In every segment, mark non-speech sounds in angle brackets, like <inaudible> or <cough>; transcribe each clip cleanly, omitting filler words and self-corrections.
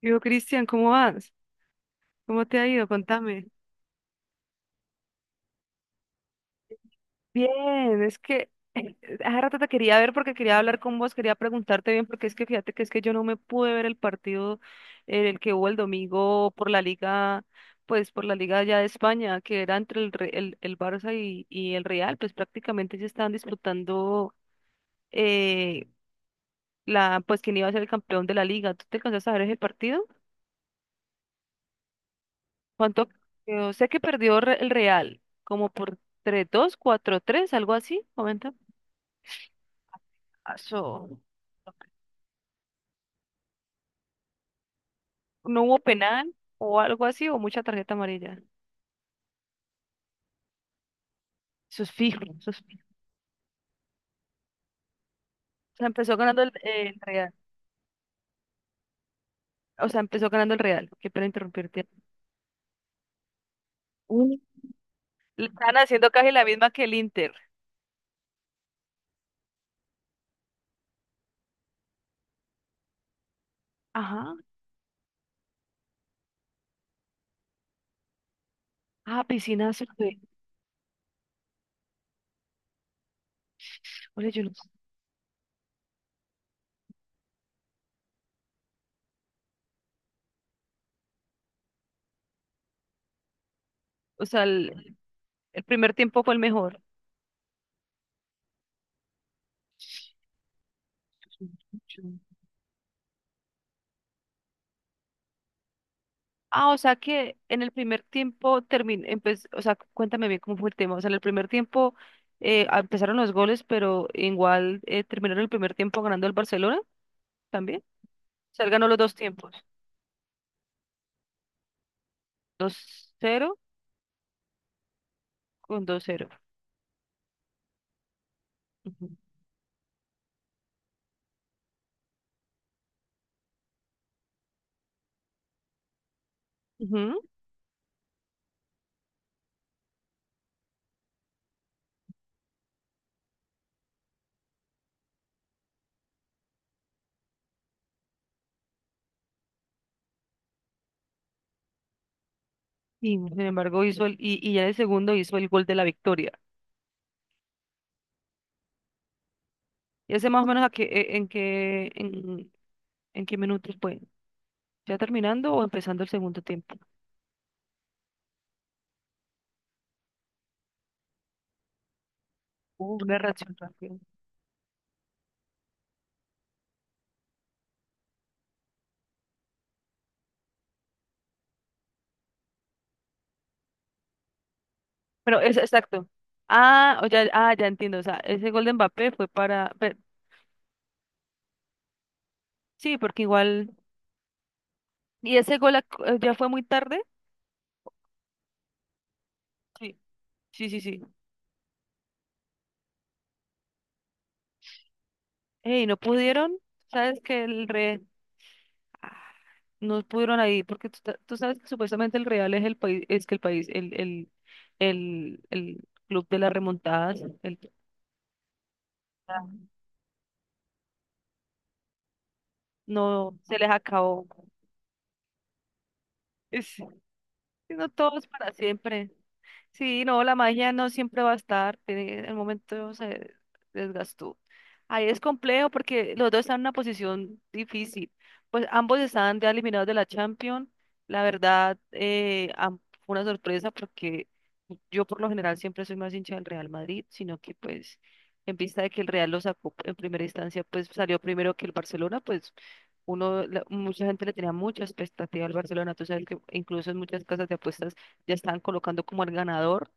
Digo, Cristian, ¿cómo vas? ¿Cómo te ha ido? Contame. Bien, es que <laughs> hace rato te quería ver porque quería hablar con vos, quería preguntarte bien, porque es que fíjate que es que yo no me pude ver el partido en el que hubo el domingo por la liga, pues por la liga ya de España, que era entre el Barça y el Real, pues prácticamente se estaban disputando eh, pues quién iba a ser el campeón de la liga. ¿Tú te alcanzaste a ver ese partido? ¿Cuánto quedó? Sé que perdió el Real, como por 3 dos cuatro tres, algo así. Comenta. Ah, No hubo penal o algo así, o mucha tarjeta amarilla. Eso es fijo, eso es fijo. O sea, empezó ganando el Real. O sea, empezó ganando el Real. Qué pena interrumpirte. Mm. Le están haciendo casi la misma que el Inter. Ajá. Ah, piscina azul. Oye, yo no- O sea, el primer tiempo fue el mejor. Ah, o sea que en el primer tiempo o sea, cuéntame bien cómo fue el tema. O sea, en el primer tiempo empezaron los goles, pero igual terminaron el primer tiempo ganando el Barcelona también. O sea, él ganó los dos tiempos, dos cero con dos cero. Ujú. Ujú. Y sin embargo hizo y ya en el segundo hizo el gol de la victoria. ¿Y ese más o menos a qué, en qué, en qué minutos fue? ¿Ya terminando o empezando el segundo tiempo? Hubo una reacción rápida. Bueno, es exacto. Ah, ya entiendo. O sea, ese gol de Mbappé fue para. Sí, porque igual. Y ese gol ya fue muy tarde. Sí, sí, sí, sí. Ey, no pudieron. Sabes que el Real ah, no pudieron ahí, porque tú sabes que supuestamente el Real es el país, es que el país, el club de las remontadas, Ah. No se les acabó. <laughs> Sí, no todo es para siempre. Sí, no, la magia no siempre va a estar. En el momento se desgastó. Ahí es complejo porque los dos están en una posición difícil. Pues ambos estaban ya eliminados de la Champions. La verdad, fue una sorpresa porque yo por lo general siempre soy más hincha del Real Madrid, sino que pues en vista de que el Real lo sacó en primera instancia, pues salió primero que el Barcelona, pues uno, mucha gente le tenía mucha expectativa al Barcelona. Tú sabes que incluso en muchas casas de apuestas ya están colocando como el ganador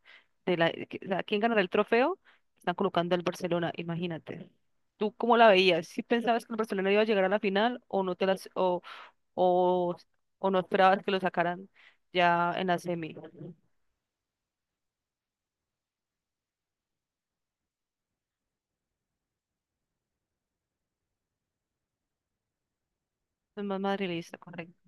de la, o sea, ¿quién ganará el trofeo? Están colocando al Barcelona, imagínate. ¿Tú cómo la veías, si pensabas que el Barcelona iba a llegar a la final o no te las o, o no esperabas que lo sacaran ya en la semi? Es más madridista, correcto.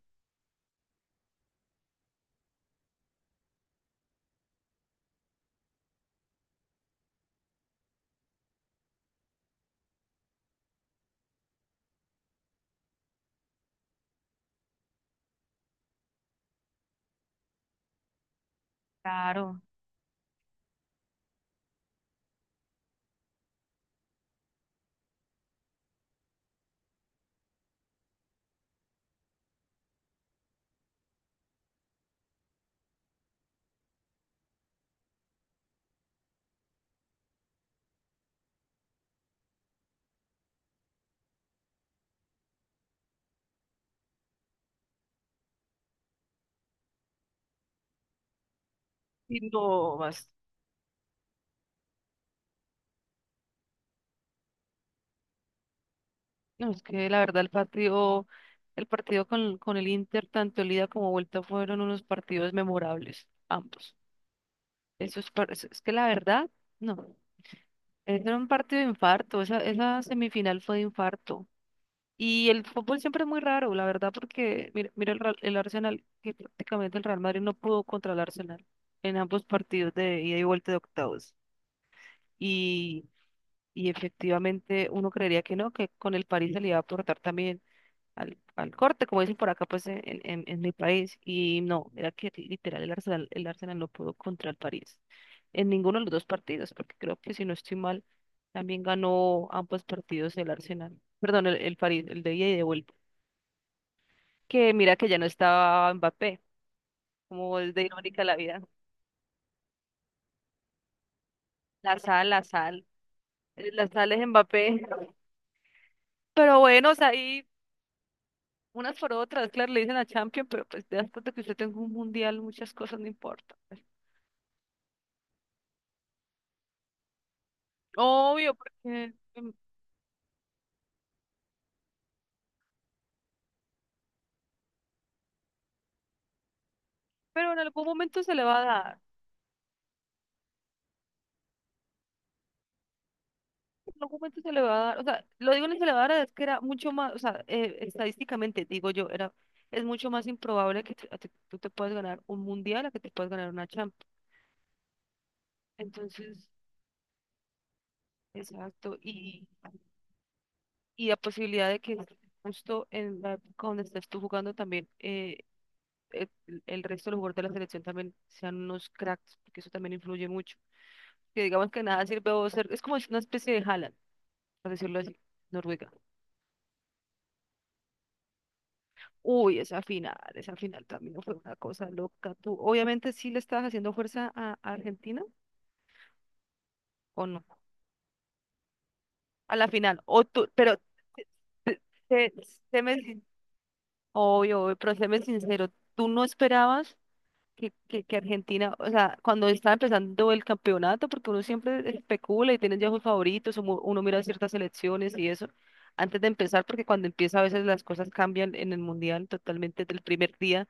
Claro. Y no más. No, es que la verdad El partido con el Inter, tanto el ida como vuelta, fueron unos partidos memorables, ambos. Eso es, es que la verdad, no, ese era un partido de infarto, esa semifinal fue de infarto. Y el fútbol siempre es muy raro, la verdad, porque mira, mira el Arsenal, que prácticamente el Real Madrid no pudo contra el Arsenal en ambos partidos de ida y vuelta de octavos. Y, y efectivamente uno creería que no, que con el París se le iba a aportar también al corte, como dicen por acá, pues en mi país. Y no, era que literal el Arsenal no pudo contra el París en ninguno de los dos partidos, porque creo que si no estoy mal, también ganó ambos partidos el Arsenal, perdón, el París, el de ida y de vuelta. Que mira que ya no estaba Mbappé, como es de irónica la vida. La sal, la sal, la sal es Mbappé. Pero bueno, o sea, ahí unas por otras, claro, le dicen a Champions, pero pues te das cuenta que usted tenga un mundial, muchas cosas no importan. Obvio, porque, pero en algún momento se le va a dar. En algún momento se le va a dar. O sea, lo digo en se le va a dar es que era mucho más, o sea, estadísticamente, digo yo, es mucho más improbable que tú te puedas ganar un mundial a que te puedas ganar una Champions. Entonces, exacto. Y la posibilidad de que justo en la época donde estés tú jugando también, el, el resto de los jugadores de la selección también sean unos cracks, porque eso también influye mucho. Que digamos que nada sirve o ser, es como una especie de Haaland, por decirlo así, Noruega. Uy, esa final también fue una cosa loca. Tú, obviamente, sí le estabas haciendo fuerza a Argentina o no, a la final. O tú, pero sé- séme sin- obvio, obvio, pero séme sincero, tú no esperabas que Argentina, o sea, cuando estaba empezando el campeonato, porque uno siempre especula y tiene ya sus favoritos, uno mira ciertas selecciones y eso. Antes de empezar, porque cuando empieza a veces las cosas cambian en el mundial totalmente del primer día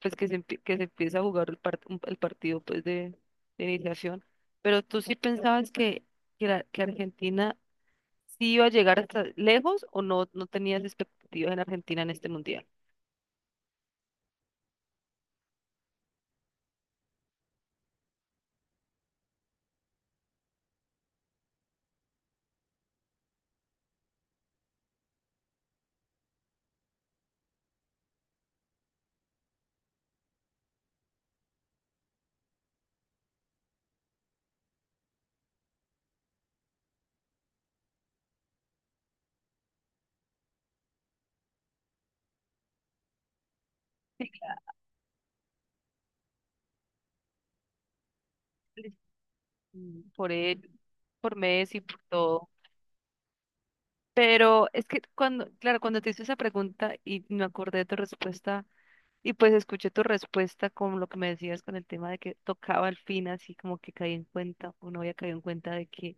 pues que se empieza a jugar el partido pues de iniciación. Pero tú sí pensabas que Argentina sí iba a llegar hasta lejos o no, no tenías expectativas en Argentina en este mundial. Mm, por él, por Messi, por todo. Pero es que cuando, claro, cuando te hice esa pregunta y me acordé de tu respuesta y pues escuché tu respuesta con lo que me decías con el tema de que tocaba al fin, así como que caí en cuenta o no había caído en cuenta de que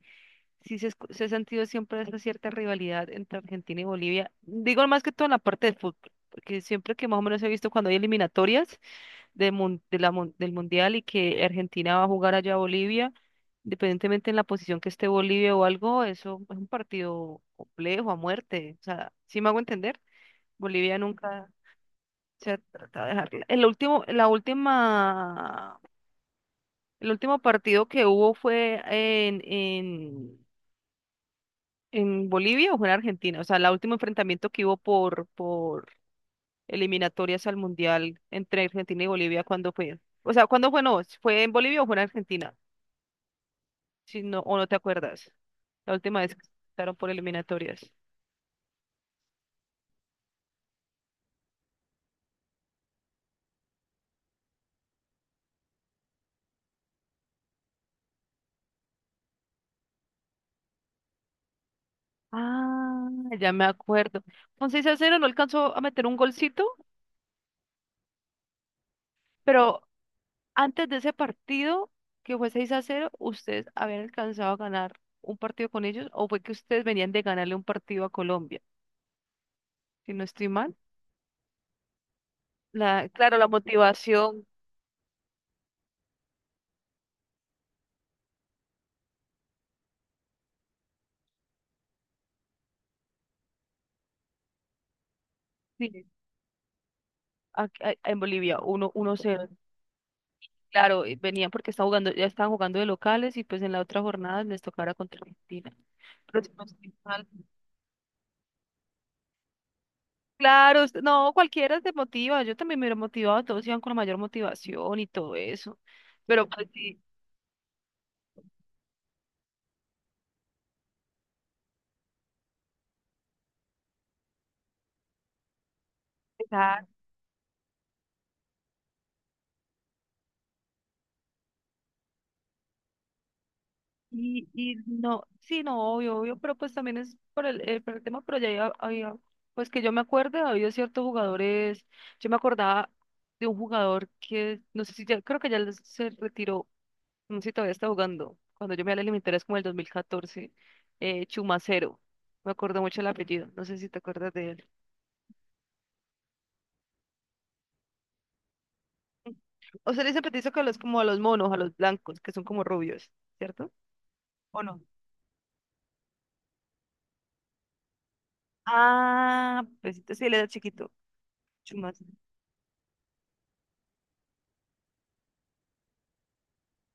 sí se ha sentido siempre esa cierta rivalidad entre Argentina y Bolivia. Digo más que todo en la parte del fútbol, porque siempre que más o menos he visto cuando hay eliminatorias de mun- de la mun- del Mundial y que Argentina va a jugar allá a Bolivia, independientemente en la posición que esté Bolivia o algo, eso es un partido complejo a muerte. O sea, ¿sí me hago entender? Bolivia nunca se ha tratado de dejarla. El último partido que hubo fue en Bolivia o fue en Argentina. O sea, el último enfrentamiento que hubo por eliminatorias al Mundial entre Argentina y Bolivia, ¿cuándo fue? O sea, ¿cuándo fue? No, ¿fue en Bolivia o fue en Argentina? Si no, o no te acuerdas. La última vez que estaron por eliminatorias. Ah, ya me acuerdo. Con 6 a cero, no alcanzó a meter un golcito, pero antes de ese partido, que fue 6 a cero, ¿ustedes habían alcanzado a ganar un partido con ellos o fue que ustedes venían de ganarle un partido a Colombia? Si no estoy mal. La motivación sí, en Bolivia, uno 0. Claro, y venían porque estaban jugando, ya estaban jugando de locales y pues en la otra jornada les tocara contra Argentina. Pero si no estoy mal, Claro, no, cualquiera se motiva. Yo también me hubiera motivado, todos iban con la mayor motivación y todo eso. Pero pues sí, y no, sí, no, obvio, obvio, pero pues también es por el tema, pero ya había, pues que yo me acuerde, ha habido ciertos jugadores, yo me acordaba de un jugador que, no sé si ya, creo que ya se retiró, no sé si todavía está jugando, cuando yo me alejé militar es como el 2014, Chumacero, me acuerdo mucho el apellido, no sé si te acuerdas de él. O sea, le dice petiso que a los, como a los monos, a los blancos, que son como rubios, ¿cierto? ¿O no? Ah, pues entonces sí, él era chiquito,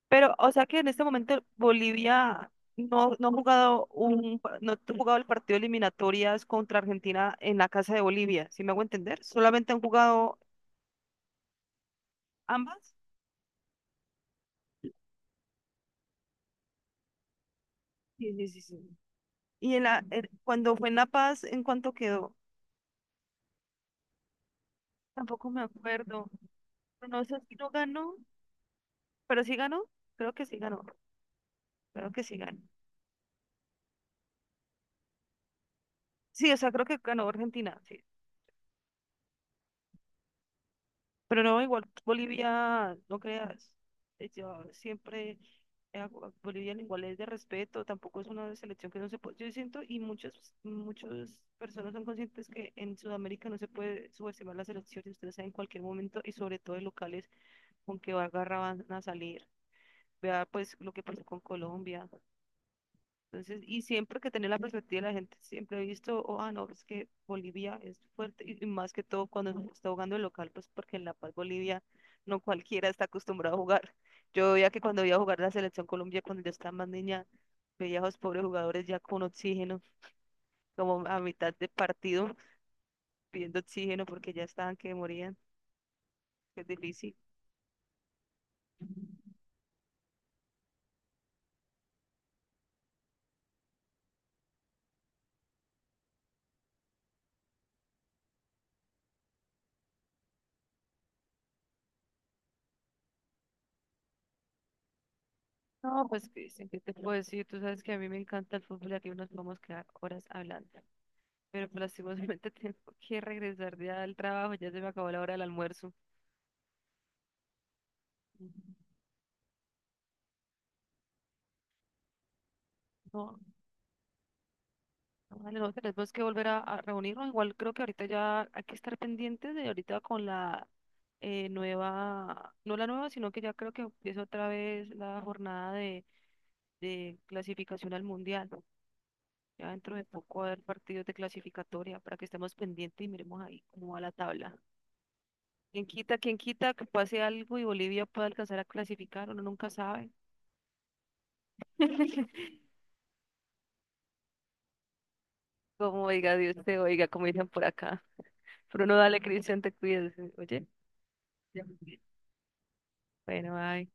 pero, o sea que en este momento Bolivia no, no ha jugado el partido de eliminatorias contra Argentina en la casa de Bolivia, ¿si me hago entender? Solamente han jugado ambas. Sí, sí, sí, sí. Y cuando fue en La Paz, ¿en cuánto quedó? Tampoco me acuerdo. Pero no sé si no ganó, pero sí ganó. Creo que sí ganó. Creo que sí ganó. Sí, o sea, creo que ganó Argentina. Sí. Pero no, igual Bolivia, no creas, yo siempre, a Bolivia igual es de respeto, tampoco es una selección que no se puede, yo siento, y muchas personas son conscientes que en Sudamérica no se puede subestimar la selección, y ustedes saben en cualquier momento, y sobre todo en locales con que agarra van a salir, vea pues lo que pasó con Colombia, entonces, y siempre que tenía la perspectiva de la gente, siempre he visto, oh, ah, no, es que Bolivia es fuerte, y más que todo cuando se está jugando el local, pues porque en La Paz, Bolivia, no cualquiera está acostumbrado a jugar. Yo veía que cuando iba a jugar la selección Colombia, cuando yo estaba más niña, veía a los pobres jugadores ya con oxígeno, como a mitad de partido, pidiendo oxígeno porque ya estaban que morían, que es difícil. No, pues, Cristian, ¿qué te puedo decir? Tú sabes que a mí me encanta el fútbol y aquí nos podemos quedar horas hablando, pero pues, lastimosamente <laughs> tengo que regresar ya al trabajo, ya se me acabó la hora del almuerzo. No, no, vale, no, tenemos que volver a reunirnos. Igual creo que ahorita ya hay que estar pendientes de ahorita con la nueva, no la nueva, sino que ya creo que empieza otra vez la jornada de clasificación al mundial. Ya dentro de poco va a haber partidos de clasificatoria para que estemos pendientes y miremos ahí cómo va la tabla. Quién quita que pase algo y Bolivia pueda alcanzar a clasificar? Uno nunca sabe. <laughs> Como oiga, Dios te oiga, como dicen por acá. Pero no dale, Cristian, te cuides. Oye, ya, bueno, ay.